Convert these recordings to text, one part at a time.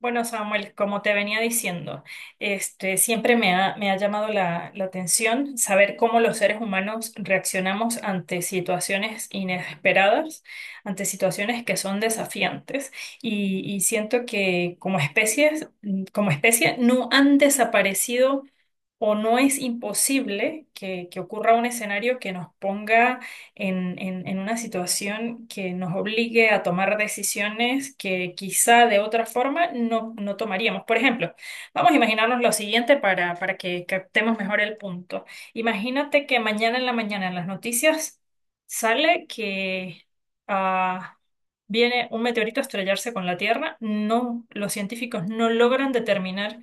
Bueno, Samuel, como te venía diciendo, siempre me ha llamado la atención saber cómo los seres humanos reaccionamos ante situaciones inesperadas, ante situaciones que son desafiantes, y siento que como especies, como especie no han desaparecido o no es imposible que ocurra un escenario que nos ponga en una situación que nos obligue a tomar decisiones que quizá de otra forma no tomaríamos. Por ejemplo, vamos a imaginarnos lo siguiente para que captemos mejor el punto. Imagínate que mañana en la mañana en las noticias sale que... ah, viene un meteorito a estrellarse con la Tierra, no, los científicos no logran determinar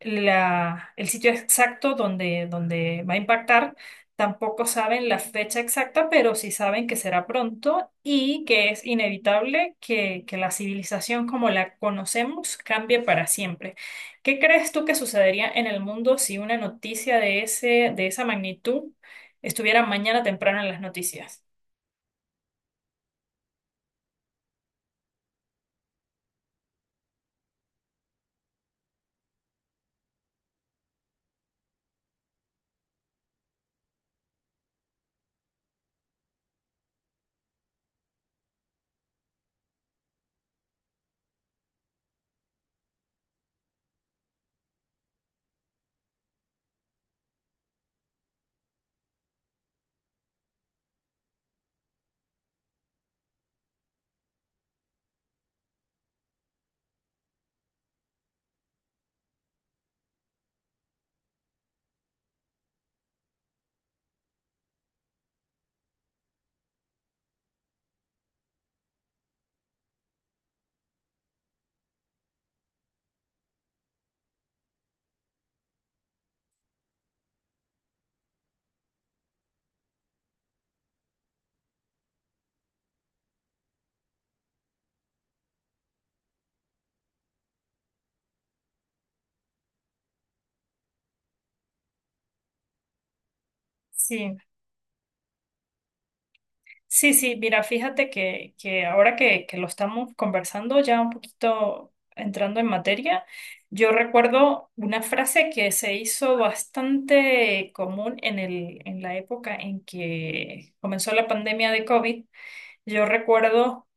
el sitio exacto donde va a impactar. Tampoco saben la fecha exacta, pero sí saben que será pronto y que es inevitable que la civilización como la conocemos cambie para siempre. ¿Qué crees tú que sucedería en el mundo si una noticia de de esa magnitud estuviera mañana temprano en las noticias? Sí. Sí, sí, mira, fíjate que ahora que lo estamos conversando, ya un poquito entrando en materia, yo recuerdo una frase que se hizo bastante común en en la época en que comenzó la pandemia de COVID. Yo recuerdo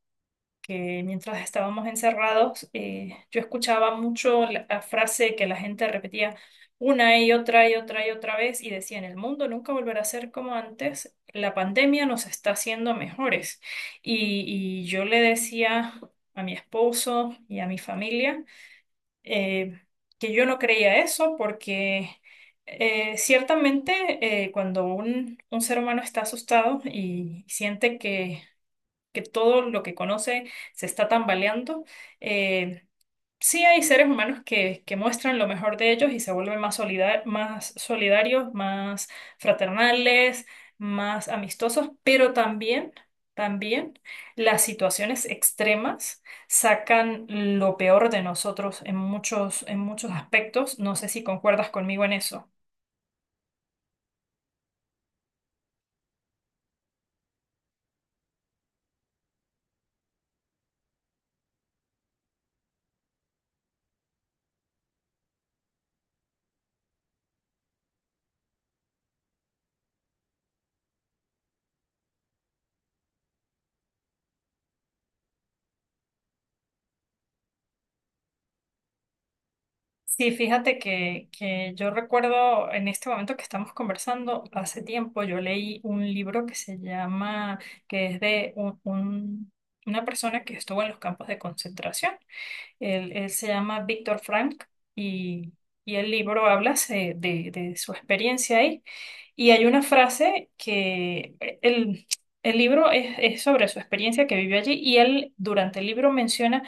que mientras estábamos encerrados, yo escuchaba mucho la frase que la gente repetía una y otra y otra y otra vez y decían, el mundo nunca volverá a ser como antes, la pandemia nos está haciendo mejores. Y yo le decía a mi esposo y a mi familia eh, que yo no creía eso porque... ciertamente, cuando un ser humano está asustado y siente que todo lo que conoce se está tambaleando. Eh, sí hay seres humanos que muestran lo mejor de ellos y se vuelven más solidarios, más fraternales, más amistosos, pero también, también las situaciones extremas sacan lo peor de nosotros en muchos aspectos. No sé si concuerdas conmigo en eso. Sí, fíjate que yo recuerdo en este momento que estamos conversando, hace tiempo yo leí un libro que se llama, que es de una persona que estuvo en los campos de concentración. Él se llama Víctor Frank y, y el libro habla de su experiencia ahí. Y hay una frase que el libro es sobre su experiencia que vivió allí y él durante el libro menciona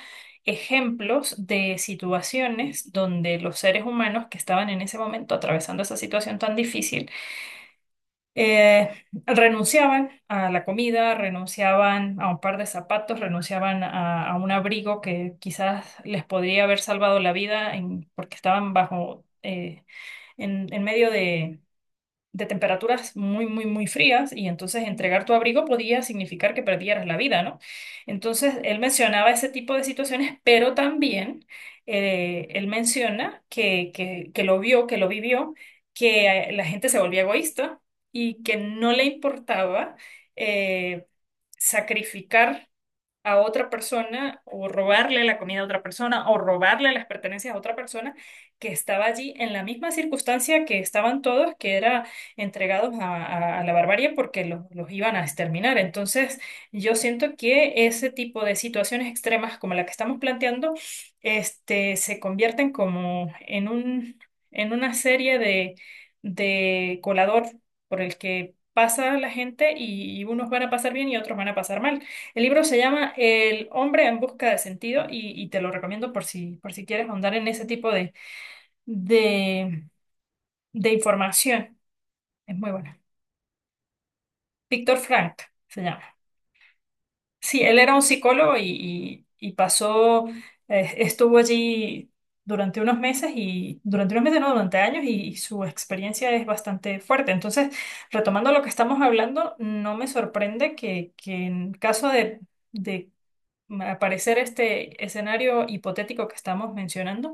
ejemplos de situaciones donde los seres humanos que estaban en ese momento atravesando esa situación tan difícil eh, renunciaban a la comida, renunciaban a un par de zapatos, renunciaban a un abrigo que quizás les podría haber salvado la vida porque estaban bajo, en medio de temperaturas muy, muy, muy frías y entonces entregar tu abrigo podía significar que perdieras la vida, ¿no? Entonces, él mencionaba ese tipo de situaciones, pero también él menciona que lo vio, que lo vivió, que la gente se volvía egoísta y que no le importaba eh, sacrificar a otra persona o robarle la comida a otra persona o robarle las pertenencias a otra persona que estaba allí en la misma circunstancia que estaban todos, que era entregados a la barbarie porque los iban a exterminar. Entonces, yo siento que ese tipo de situaciones extremas como la que estamos planteando, se convierten como en en una serie de colador por el que pasa la gente y unos van a pasar bien y otros van a pasar mal. El libro se llama El hombre en busca de sentido y te lo recomiendo por si quieres ahondar en ese tipo de, de información. Es muy buena. Víctor Frank se llama. Sí, él era un psicólogo y pasó, estuvo allí durante unos meses y durante unos meses, no, durante años y su experiencia es bastante fuerte. Entonces, retomando lo que estamos hablando, no me sorprende que en caso de aparecer este escenario hipotético que estamos mencionando,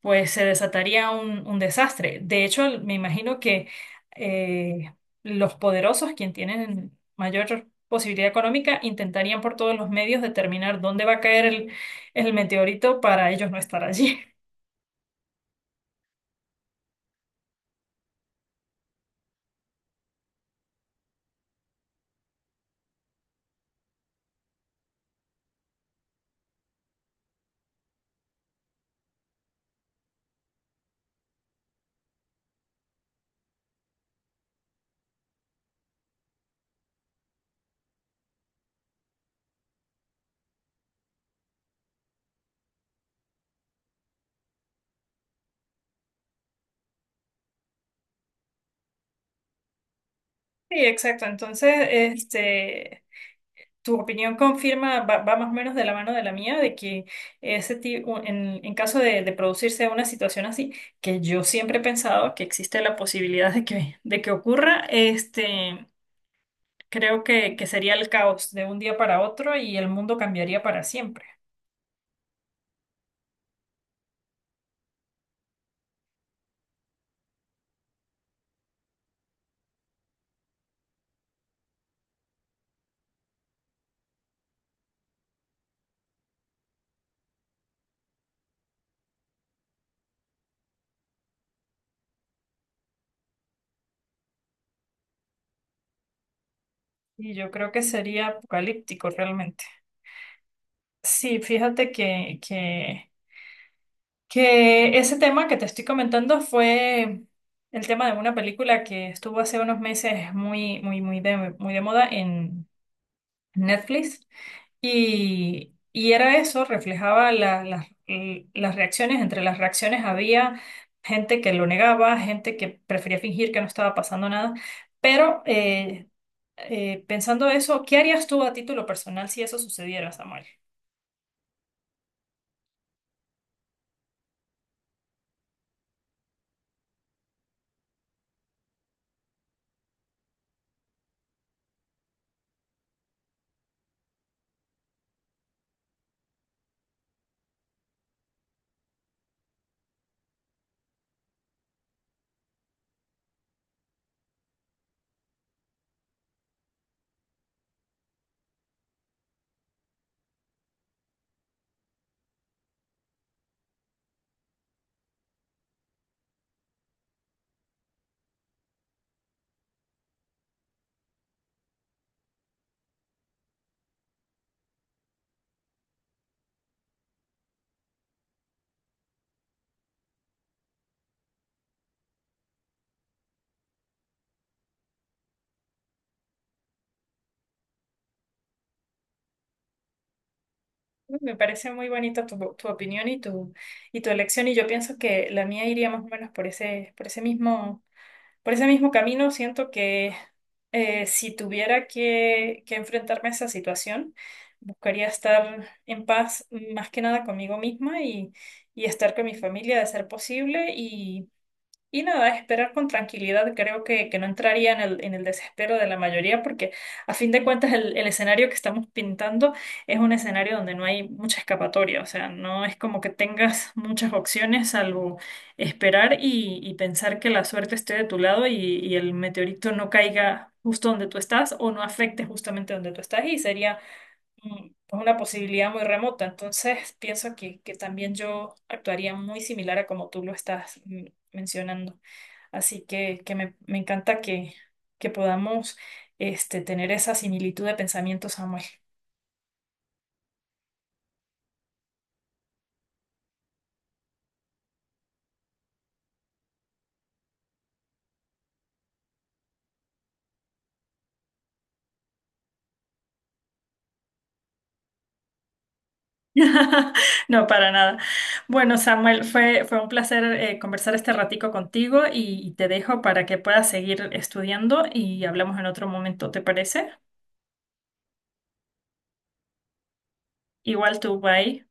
pues se desataría un desastre. De hecho, me imagino que eh, los poderosos, quien tienen mayor posibilidad económica, intentarían por todos los medios determinar dónde va a caer el meteorito para ellos no estar allí. Sí, exacto. Entonces, tu opinión confirma, va, va más o menos de la mano de la mía, de que ese tipo, en caso de producirse una situación así, que yo siempre he pensado que existe la posibilidad de que ocurra, creo que sería el caos de un día para otro y el mundo cambiaría para siempre. Y yo creo que sería apocalíptico realmente. Sí, fíjate que que ese tema que te estoy comentando fue el tema de una película que estuvo hace unos meses muy, muy, muy de moda en Netflix y era eso, reflejaba las reacciones, entre las reacciones había gente que lo negaba, gente que prefería fingir que no estaba pasando nada, pero pensando eso, ¿qué harías tú a título personal si eso sucediera, Samuel? Me parece muy bonita tu opinión y tu elección, y yo pienso que la mía iría más o menos por por ese mismo camino. Siento que si tuviera que enfrentarme a esa situación, buscaría estar en paz más que nada conmigo misma y estar con mi familia de ser posible y nada, esperar con tranquilidad, creo que no entraría en en el desespero de la mayoría, porque a fin de cuentas el escenario que estamos pintando es un escenario donde no hay mucha escapatoria, o sea, no es como que tengas muchas opciones salvo esperar y pensar que la suerte esté de tu lado y el meteorito no caiga justo donde tú estás o no afecte justamente donde tú estás y sería pues una posibilidad muy remota. Entonces, pienso que también yo actuaría muy similar a como tú lo estás mencionando. Así que me encanta que podamos tener esa similitud de pensamiento, Samuel. No, para nada. Bueno, Samuel, fue, fue un placer conversar este ratico contigo y te dejo para que puedas seguir estudiando y hablamos en otro momento, ¿te parece? Igual tú, bye.